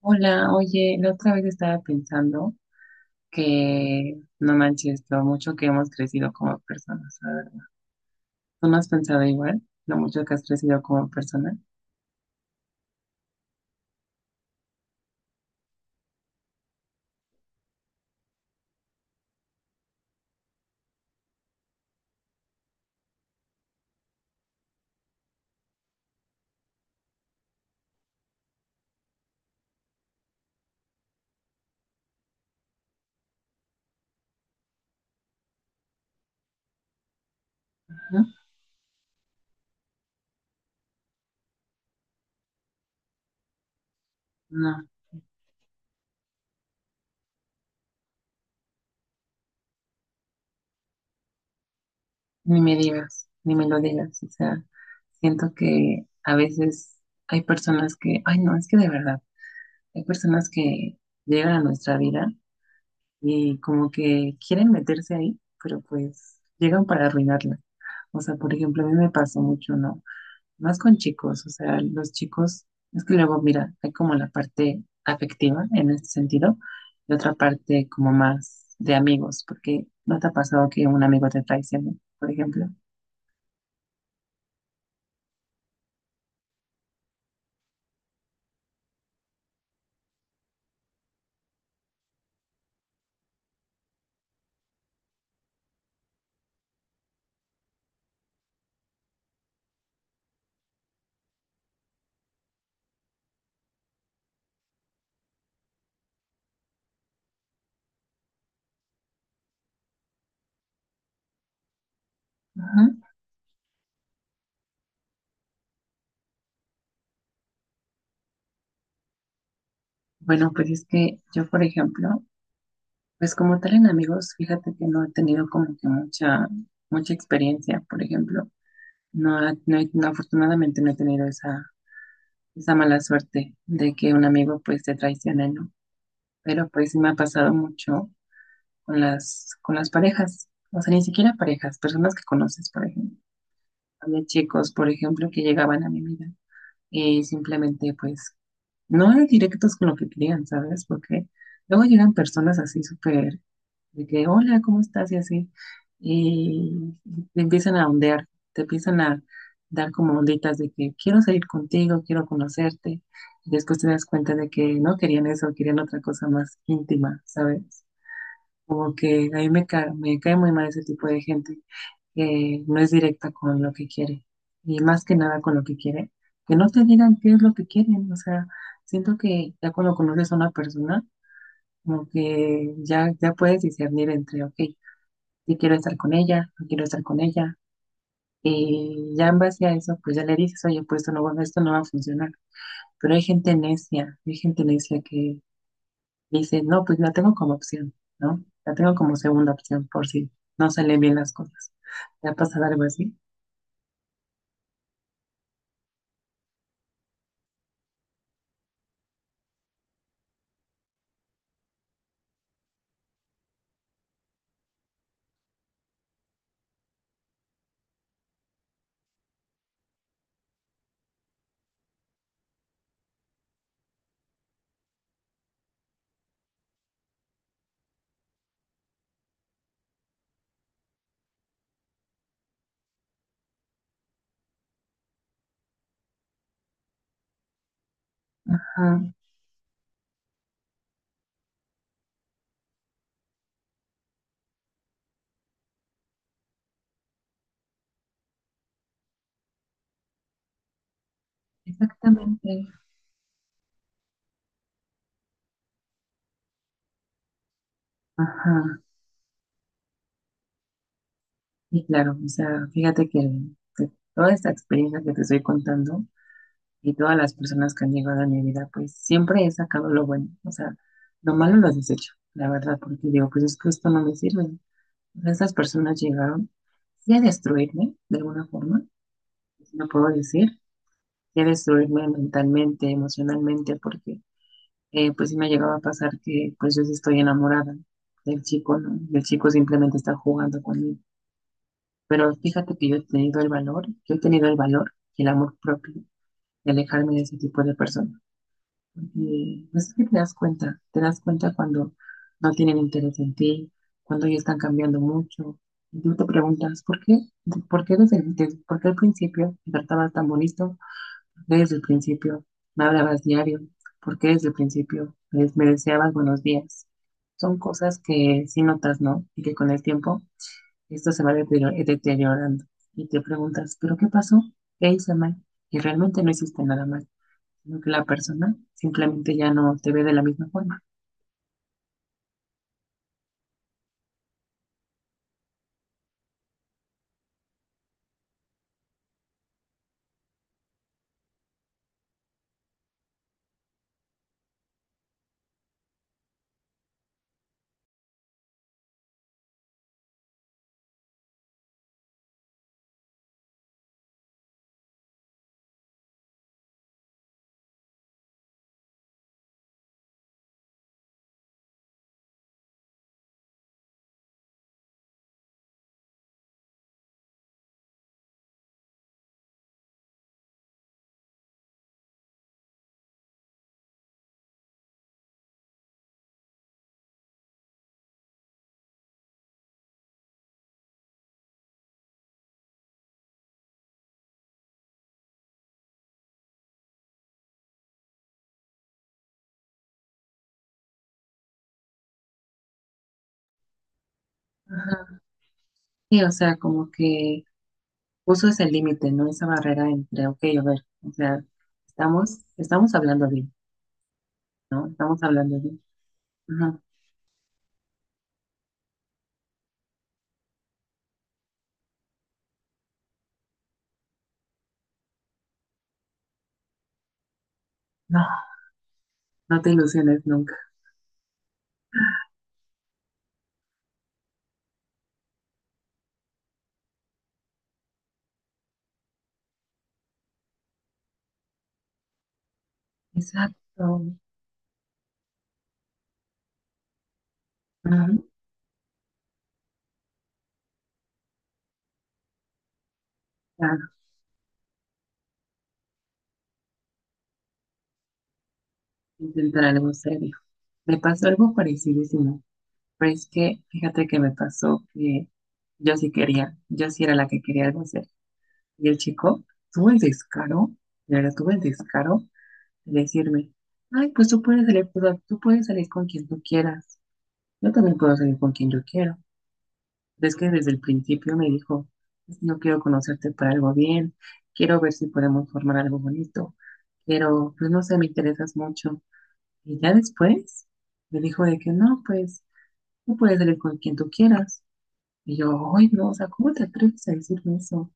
Hola, oye, la otra vez estaba pensando que no manches lo mucho que hemos crecido como personas, la verdad. ¿Tú no has pensado igual? Lo mucho que has crecido como persona. ¿No? No, ni me digas, ni me lo digas. O sea, siento que a veces hay personas que, ay, no, es que de verdad, hay personas que llegan a nuestra vida y como que quieren meterse ahí, pero pues llegan para arruinarla. O sea, por ejemplo, a mí me pasó mucho, ¿no? Más con chicos, o sea, los chicos, es que luego, mira, hay como la parte afectiva en este sentido y otra parte como más de amigos, porque no te ha pasado que un amigo te traicione, por ejemplo. Ajá. Bueno, pues es que yo, por ejemplo, pues como tal en amigos, fíjate que no he tenido como que mucha, mucha experiencia, por ejemplo. No, no, no, afortunadamente no he tenido esa, esa mala suerte de que un amigo pues te traicione, ¿no? Pero pues sí me ha pasado mucho con las parejas, o sea, ni siquiera parejas, personas que conoces, por ejemplo. Había chicos, por ejemplo, que llegaban a mi vida y simplemente, pues, no eran directos con lo que querían, ¿sabes? Porque luego llegan personas así súper, de que, hola, ¿cómo estás? Y así, y te empiezan a ondear, te empiezan a dar como onditas de que quiero salir contigo, quiero conocerte, y después te das cuenta de que no querían eso, querían otra cosa más íntima, ¿sabes? Como que a mí me cae muy mal ese tipo de gente que no es directa con lo que quiere y más que nada con lo que quiere, que no te digan qué es lo que quieren. O sea, siento que ya cuando conoces a una persona, como que ya, ya puedes discernir entre, ok, si quiero estar con ella, no quiero estar con ella. Y ya en base a eso, pues ya le dices, oye, pues esto no, esto no va a funcionar. Pero hay gente necia que dice, no, pues la tengo como opción, ¿no? La tengo como segunda opción por si no salen bien las cosas. ¿Te ha pasado algo así? Ajá, exactamente. Ajá, y claro, o sea, fíjate que de toda esta experiencia que te estoy contando y todas las personas que han llegado a mi vida, pues siempre he sacado lo bueno, o sea, lo malo lo desecho, la verdad, porque digo, pues es que esto no me sirve. O sea, estas personas llegaron sí a destruirme de alguna forma, si no puedo decir, que destruirme mentalmente, emocionalmente, porque pues sí me llegaba a pasar que pues yo sí estoy enamorada del chico, ¿no? Y el chico simplemente está jugando conmigo. Pero fíjate que yo he tenido el valor, yo he tenido el valor y el amor propio de alejarme de ese tipo de personas. Porque pues es que te das cuenta cuando no tienen interés en ti, cuando ya están cambiando mucho. Y tú te preguntas, ¿por qué? ¿Por qué desde, por qué al principio me tratabas tan bonito? ¿Desde el principio me hablabas diario? ¿Porque desde el principio pues, me deseabas buenos días? Son cosas que sí notas, ¿no? Y que con el tiempo esto se va deteriorando. Y te preguntas, ¿pero qué pasó? ¿Qué hice mal? Y realmente no hiciste nada mal, sino que la persona simplemente ya no te ve de la misma forma. Ajá. Sí, o sea, como que puso ese límite, ¿no? Esa barrera entre, ok, a ver, o sea, estamos, estamos hablando bien, ¿no? Estamos hablando bien. Ajá. No, no te ilusiones nunca. Exacto. Ujú, claro, intentaremos serio. Me pasó algo parecidísimo, pero es que fíjate que me pasó que yo sí quería, yo sí era la que quería algo hacer. Y el chico tuvo el descaro, de verdad tuvo el descaro de decirme, ay, pues tú puedes salir, pues, tú puedes salir con quien tú quieras, yo también puedo salir con quien yo quiero. Es que desde el principio me dijo, yo quiero conocerte para algo bien, quiero ver si podemos formar algo bonito, pero pues no sé, me interesas mucho. Y ya después me dijo de que no, pues tú puedes salir con quien tú quieras. Y yo, ay, no, o sea, ¿cómo te atreves a decirme eso?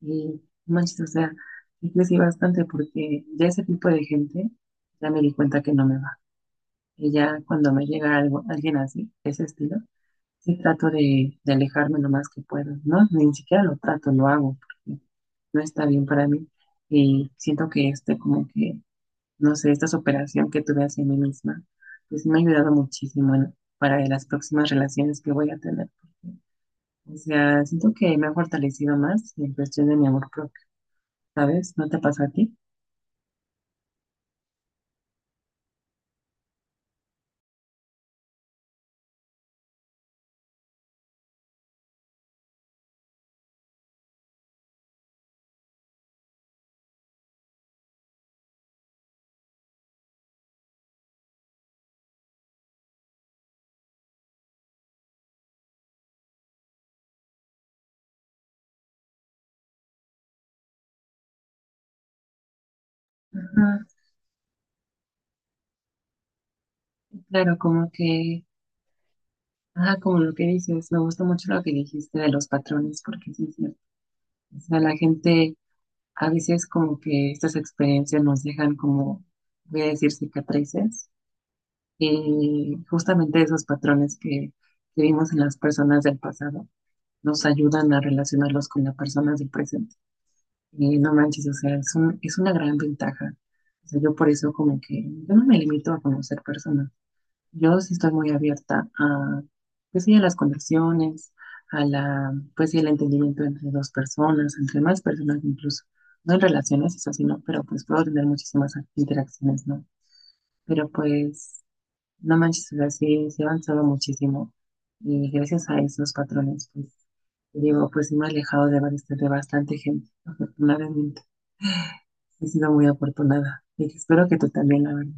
Y no manches, o sea, sí crecí bastante porque ya ese tipo de gente ya me di cuenta que no me va. Y ya cuando me llega algo, alguien así, de ese estilo, sí, trato de alejarme lo más que puedo, ¿no? Ni siquiera lo trato, lo hago, porque no está bien para mí. Y siento que este, como que, no sé, esta superación que tuve hacia mí misma, pues me ha ayudado muchísimo para las próximas relaciones que voy a tener. Porque, o sea, siento que me ha fortalecido más en cuestión de mi amor propio, ¿sabes? ¿No te pasa a ti? Ajá, sí, claro, como que, ah, como lo que dices, me gustó mucho lo que dijiste de los patrones, porque sí, es cierto. O sea, la gente. A veces como que estas experiencias nos dejan como, voy a decir, cicatrices y justamente esos patrones que vimos en las personas del pasado nos ayudan a relacionarlos con las personas del presente. Y no manches, o sea, es una gran ventaja. O sea, yo por eso como que yo no me limito a conocer personas. Yo sí estoy muy abierta a, pues sí, a las conexiones, a la, pues sí, el entendimiento entre dos personas, entre más personas incluso. No en relaciones, eso sí, no, pero pues puedo tener muchísimas interacciones, ¿no? Pero pues, no manches, o sea, sí, sí he avanzado muchísimo. Y gracias a esos patrones, pues, te digo, pues sí me he alejado de, de bastante gente, afortunadamente. He sido muy afortunada. Y espero que tú también, la verdad.